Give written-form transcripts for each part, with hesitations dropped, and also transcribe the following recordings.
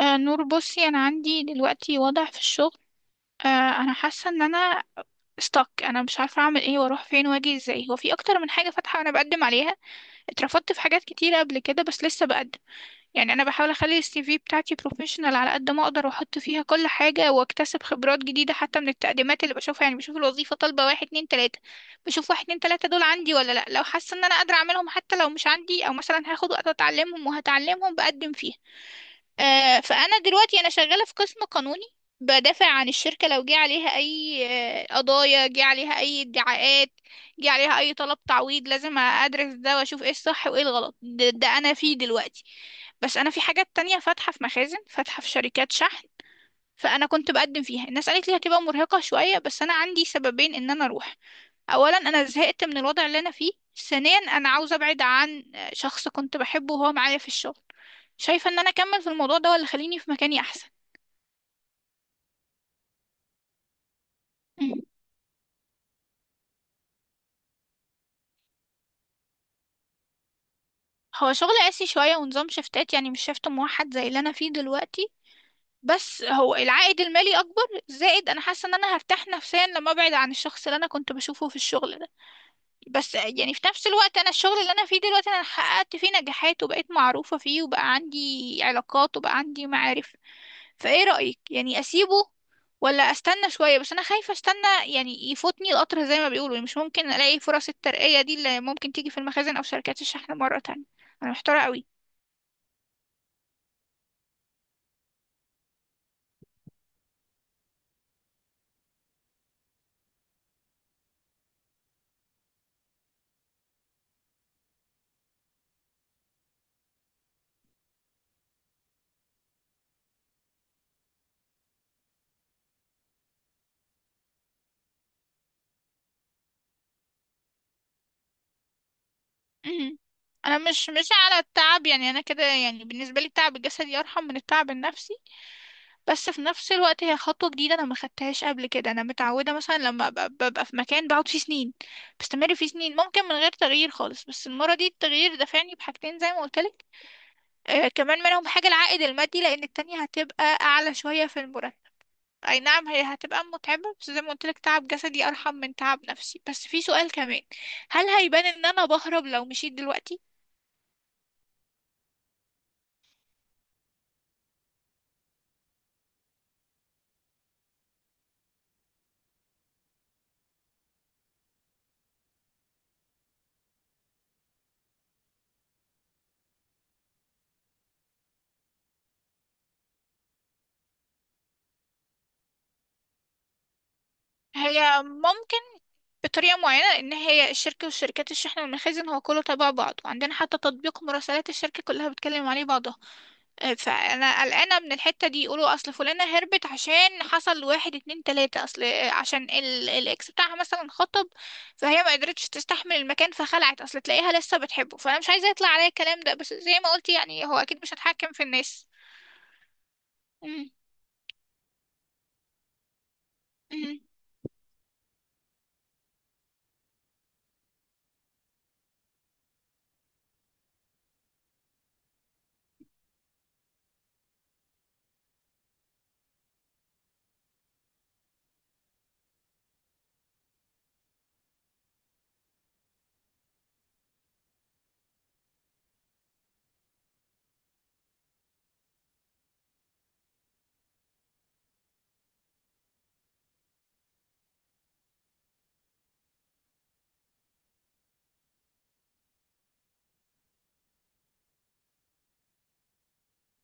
نور، بصي، انا عندي دلوقتي وضع في الشغل. آه انا حاسه ان انا stuck. انا مش عارفه اعمل ايه واروح فين واجي ازاي. هو في اكتر من حاجه فاتحه وانا بقدم عليها. اترفضت في حاجات كتيره قبل كده، بس لسه بقدم. يعني انا بحاول اخلي السي في بتاعتي بروفيشنال على قد ما اقدر، واحط فيها كل حاجه، واكتسب خبرات جديده حتى من التقديمات اللي بشوفها. يعني بشوف الوظيفه طالبه واحد اتنين تلاته، بشوف واحد اتنين تلاته دول عندي ولا لا. لو حاسه ان انا قادره اعملهم حتى لو مش عندي، او مثلا هاخد وقت اتعلمهم وهتعلمهم، بقدم فيها. فانا دلوقتي انا شغاله في قسم قانوني. بدافع عن الشركه لو جه عليها اي قضايا، جه عليها اي ادعاءات، جه عليها اي طلب تعويض. لازم ادرس ده واشوف ايه الصح وايه الغلط. ده انا فيه دلوقتي. بس انا في حاجات تانية فاتحه في مخازن، فاتحه في شركات شحن. فانا كنت بقدم فيها، الناس قالت لي هتبقى مرهقه شويه، بس انا عندي سببين ان انا اروح. اولا، انا زهقت من الوضع اللي انا فيه. ثانيا، انا عاوزه ابعد عن شخص كنت بحبه وهو معايا في الشغل. شايفه ان انا اكمل في الموضوع ده ولا خليني في مكاني احسن؟ مم. هو شغل قاسي شويه، ونظام شفتات، يعني مش شفت موحد زي اللي انا فيه دلوقتي. بس هو العائد المالي اكبر، زائد انا حاسه ان انا هرتاح نفسيا لما ابعد عن الشخص اللي انا كنت بشوفه في الشغل ده. بس يعني في نفس الوقت، انا الشغل اللي انا فيه دلوقتي انا حققت فيه نجاحات، وبقيت معروفه فيه، وبقى عندي علاقات، وبقى عندي معارف. فايه رأيك، يعني اسيبه ولا استنى شوية؟ بس انا خايفة استنى، يعني يفوتني القطر زي ما بيقولوا. يعني مش ممكن الاقي فرص الترقية دي اللي ممكن تيجي في المخازن او شركات الشحن مرة تانية. انا محتارة قوي. مهم. انا مش على التعب، يعني انا كده، يعني بالنسبة لي التعب الجسدي ارحم من التعب النفسي. بس في نفس الوقت، هي خطوة جديدة انا ما خدتهاش قبل كده. انا متعودة مثلا لما ببقى في مكان بقعد فيه سنين، بستمر فيه سنين ممكن من غير تغيير خالص. بس المرة دي التغيير دفعني بحاجتين زي ما قلت. كمان منهم حاجة العائد المادي، لأن التانية هتبقى أعلى شوية في المرتب. أي نعم، هي هتبقى متعبة، بس زي ما قلتلك، تعب جسدي أرحم من تعب نفسي. بس في سؤال كمان: هل هيبان إن أنا بهرب لو مشيت دلوقتي؟ هي ممكن بطريقة معينة، لأن هي الشركة والشركات الشحن والمخازن هو كله تبع بعض، وعندنا حتى تطبيق مراسلات الشركة كلها بتكلم عليه بعضها. فانا قلقانه من الحته دي، يقولوا اصل فلانه هربت عشان حصل واحد اتنين تلاته، اصل عشان الاكس بتاعها مثلا خطب، فهي ما قدرتش تستحمل المكان فخلعت، اصل تلاقيها لسه بتحبه. فانا مش عايزه يطلع عليا الكلام ده، بس زي ما قلت يعني هو اكيد مش هتحكم في الناس. مم. مم.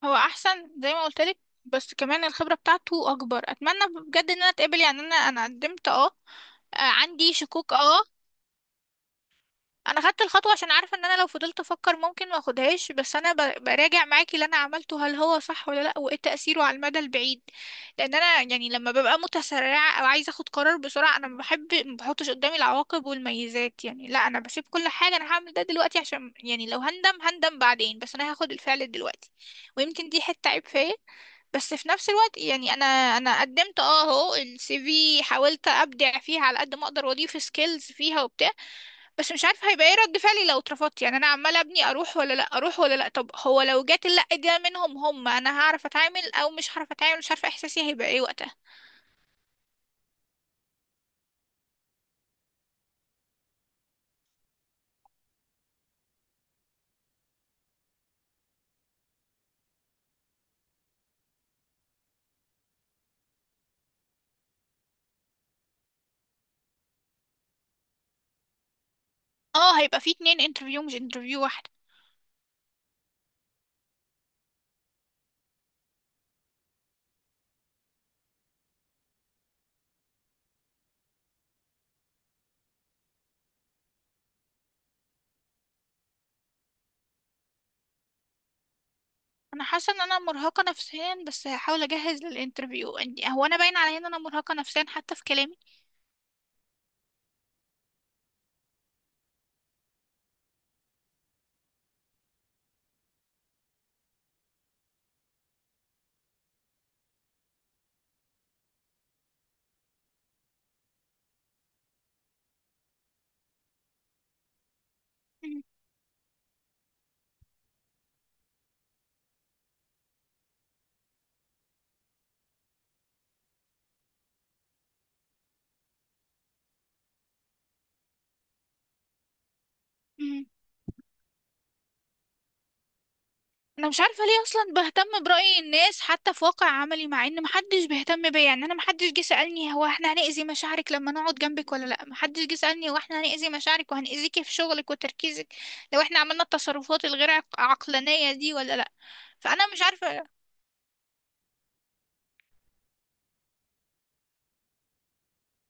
هو احسن زي ما قلت لك، بس كمان الخبره بتاعته اكبر. اتمنى بجد ان انا اتقبل. يعني انا قدمت عندي شكوك اه انا خدت الخطوه عشان عارفه ان انا لو فضلت افكر ممكن ما اخدهاش. بس انا براجع معاكي اللي انا عملته، هل هو صح ولا لا، وايه تاثيره على المدى البعيد؟ لان انا يعني لما ببقى متسرعه او عايزه اخد قرار بسرعه، انا ما بحب ما بحطش قدامي العواقب والميزات. يعني لا، انا بسيب كل حاجه، انا هعمل ده دلوقتي عشان يعني لو هندم هندم بعدين، بس انا هاخد الفعل دلوقتي. ويمكن دي حته عيب فيا. بس في نفس الوقت يعني انا قدمت اهو السي في، حاولت ابدع فيها على قد ما اقدر واضيف سكيلز فيها وبتاع. بس مش عارفه هيبقى ايه رد فعلي لو اترفضت. يعني انا عماله ابني اروح ولا لا، اروح ولا لا. طب هو لو جات اللا دي منهم هم، انا هعرف اتعامل او مش هعرف اتعامل؟ مش عارفه احساسي هيبقى ايه وقتها. اه، هيبقى في 2 انترفيو، مش انترفيو واحده. انا حاسه ان انا مرهقه نفسيا، بس هحاول اجهز للانترفيو عندي. هو انا باين عليا ان انا مرهقه نفسيا حتى في كلامي؟ مم. انا مش عارفه ليه اصلا بهتم برأي الناس حتى في واقع عملي، مع ان محدش بيهتم بيا. يعني انا محدش جه سألني هو احنا هنأذي مشاعرك لما نقعد جنبك ولا لا. محدش جه سألني هو احنا هنأذي مشاعرك وهنأذيكي في شغلك وتركيزك لو احنا عملنا التصرفات الغير عقلانية دي ولا لا. فانا مش عارفه.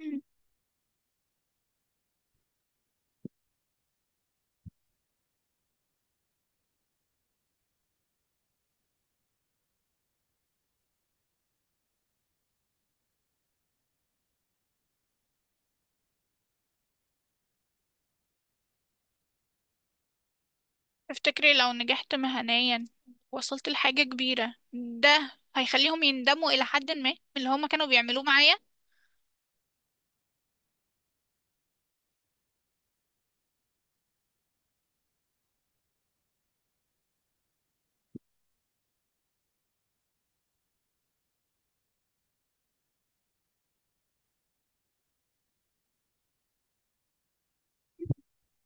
مم. تفتكري لو نجحت مهنيا وصلت لحاجة كبيرة، ده هيخليهم يندموا إلى حد ما من اللي هما كانوا بيعملوه معايا؟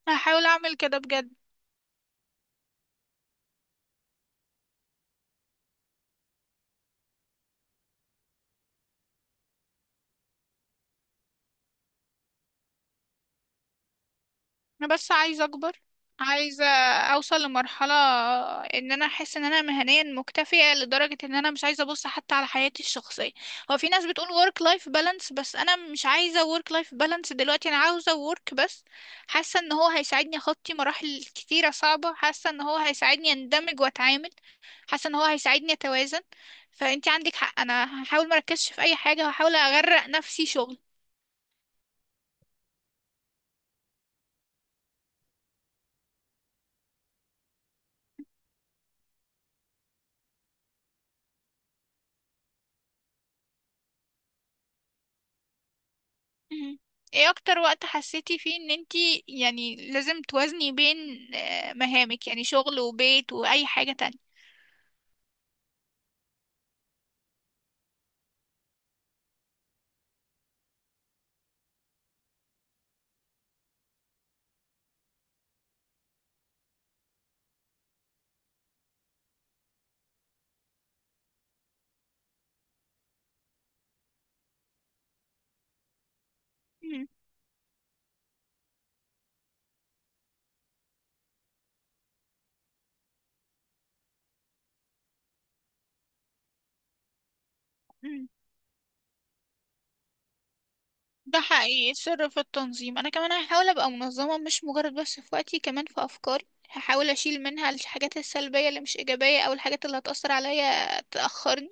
هحاول أعمل كده بجد. انا بس عايزه اكبر، عايزه اوصل لمرحله ان انا احس ان انا مهنيا مكتفيه لدرجه ان انا مش عايزه ابص حتى على حياتي الشخصيه. هو في ناس بتقول work life balance، بس انا مش عايزه work life balance دلوقتي، انا عاوزه work بس. حاسه ان هو هيساعدني اخطي مراحل كتيره صعبه، حاسه ان هو هيساعدني اندمج واتعامل، حاسه ان هو هيساعدني اتوازن. فانتي عندك حق، انا هحاول مركزش في اي حاجه وهحاول اغرق نفسي شغل. مهم. ايه اكتر وقت حسيتي فيه ان انتي يعني لازم توازني بين مهامك، يعني شغل وبيت واي حاجة تانية؟ مهم. مهم. ده حقيقي السر في التنظيم. انا كمان هحاول ابقى منظمة، مش مجرد بس في وقتي، كمان في افكاري، هحاول اشيل منها الحاجات السلبية اللي مش ايجابية او الحاجات اللي هتأثر عليا تأخرني،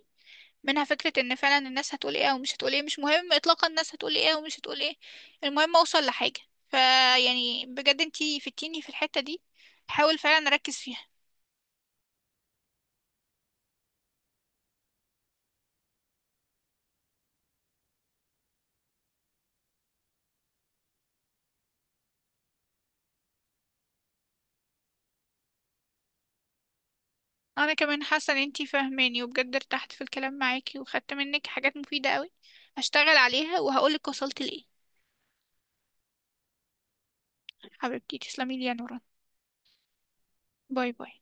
منها فكرة ان فعلا الناس هتقول ايه او مش هتقول ايه. مش مهم اطلاقا الناس هتقول ايه او مش هتقول ايه. المهم اوصل لحاجة. فيعني بجد انتي فتيني في الحتة دي، حاول فعلا اركز فيها. انا كمان حاسة ان انتي فاهماني، وبجد ارتحت في الكلام معاكي وخدت منك حاجات مفيدة قوي. هشتغل عليها وهقولك وصلت لايه. حبيبتي، تسلمي لي يا نوران. باي باي.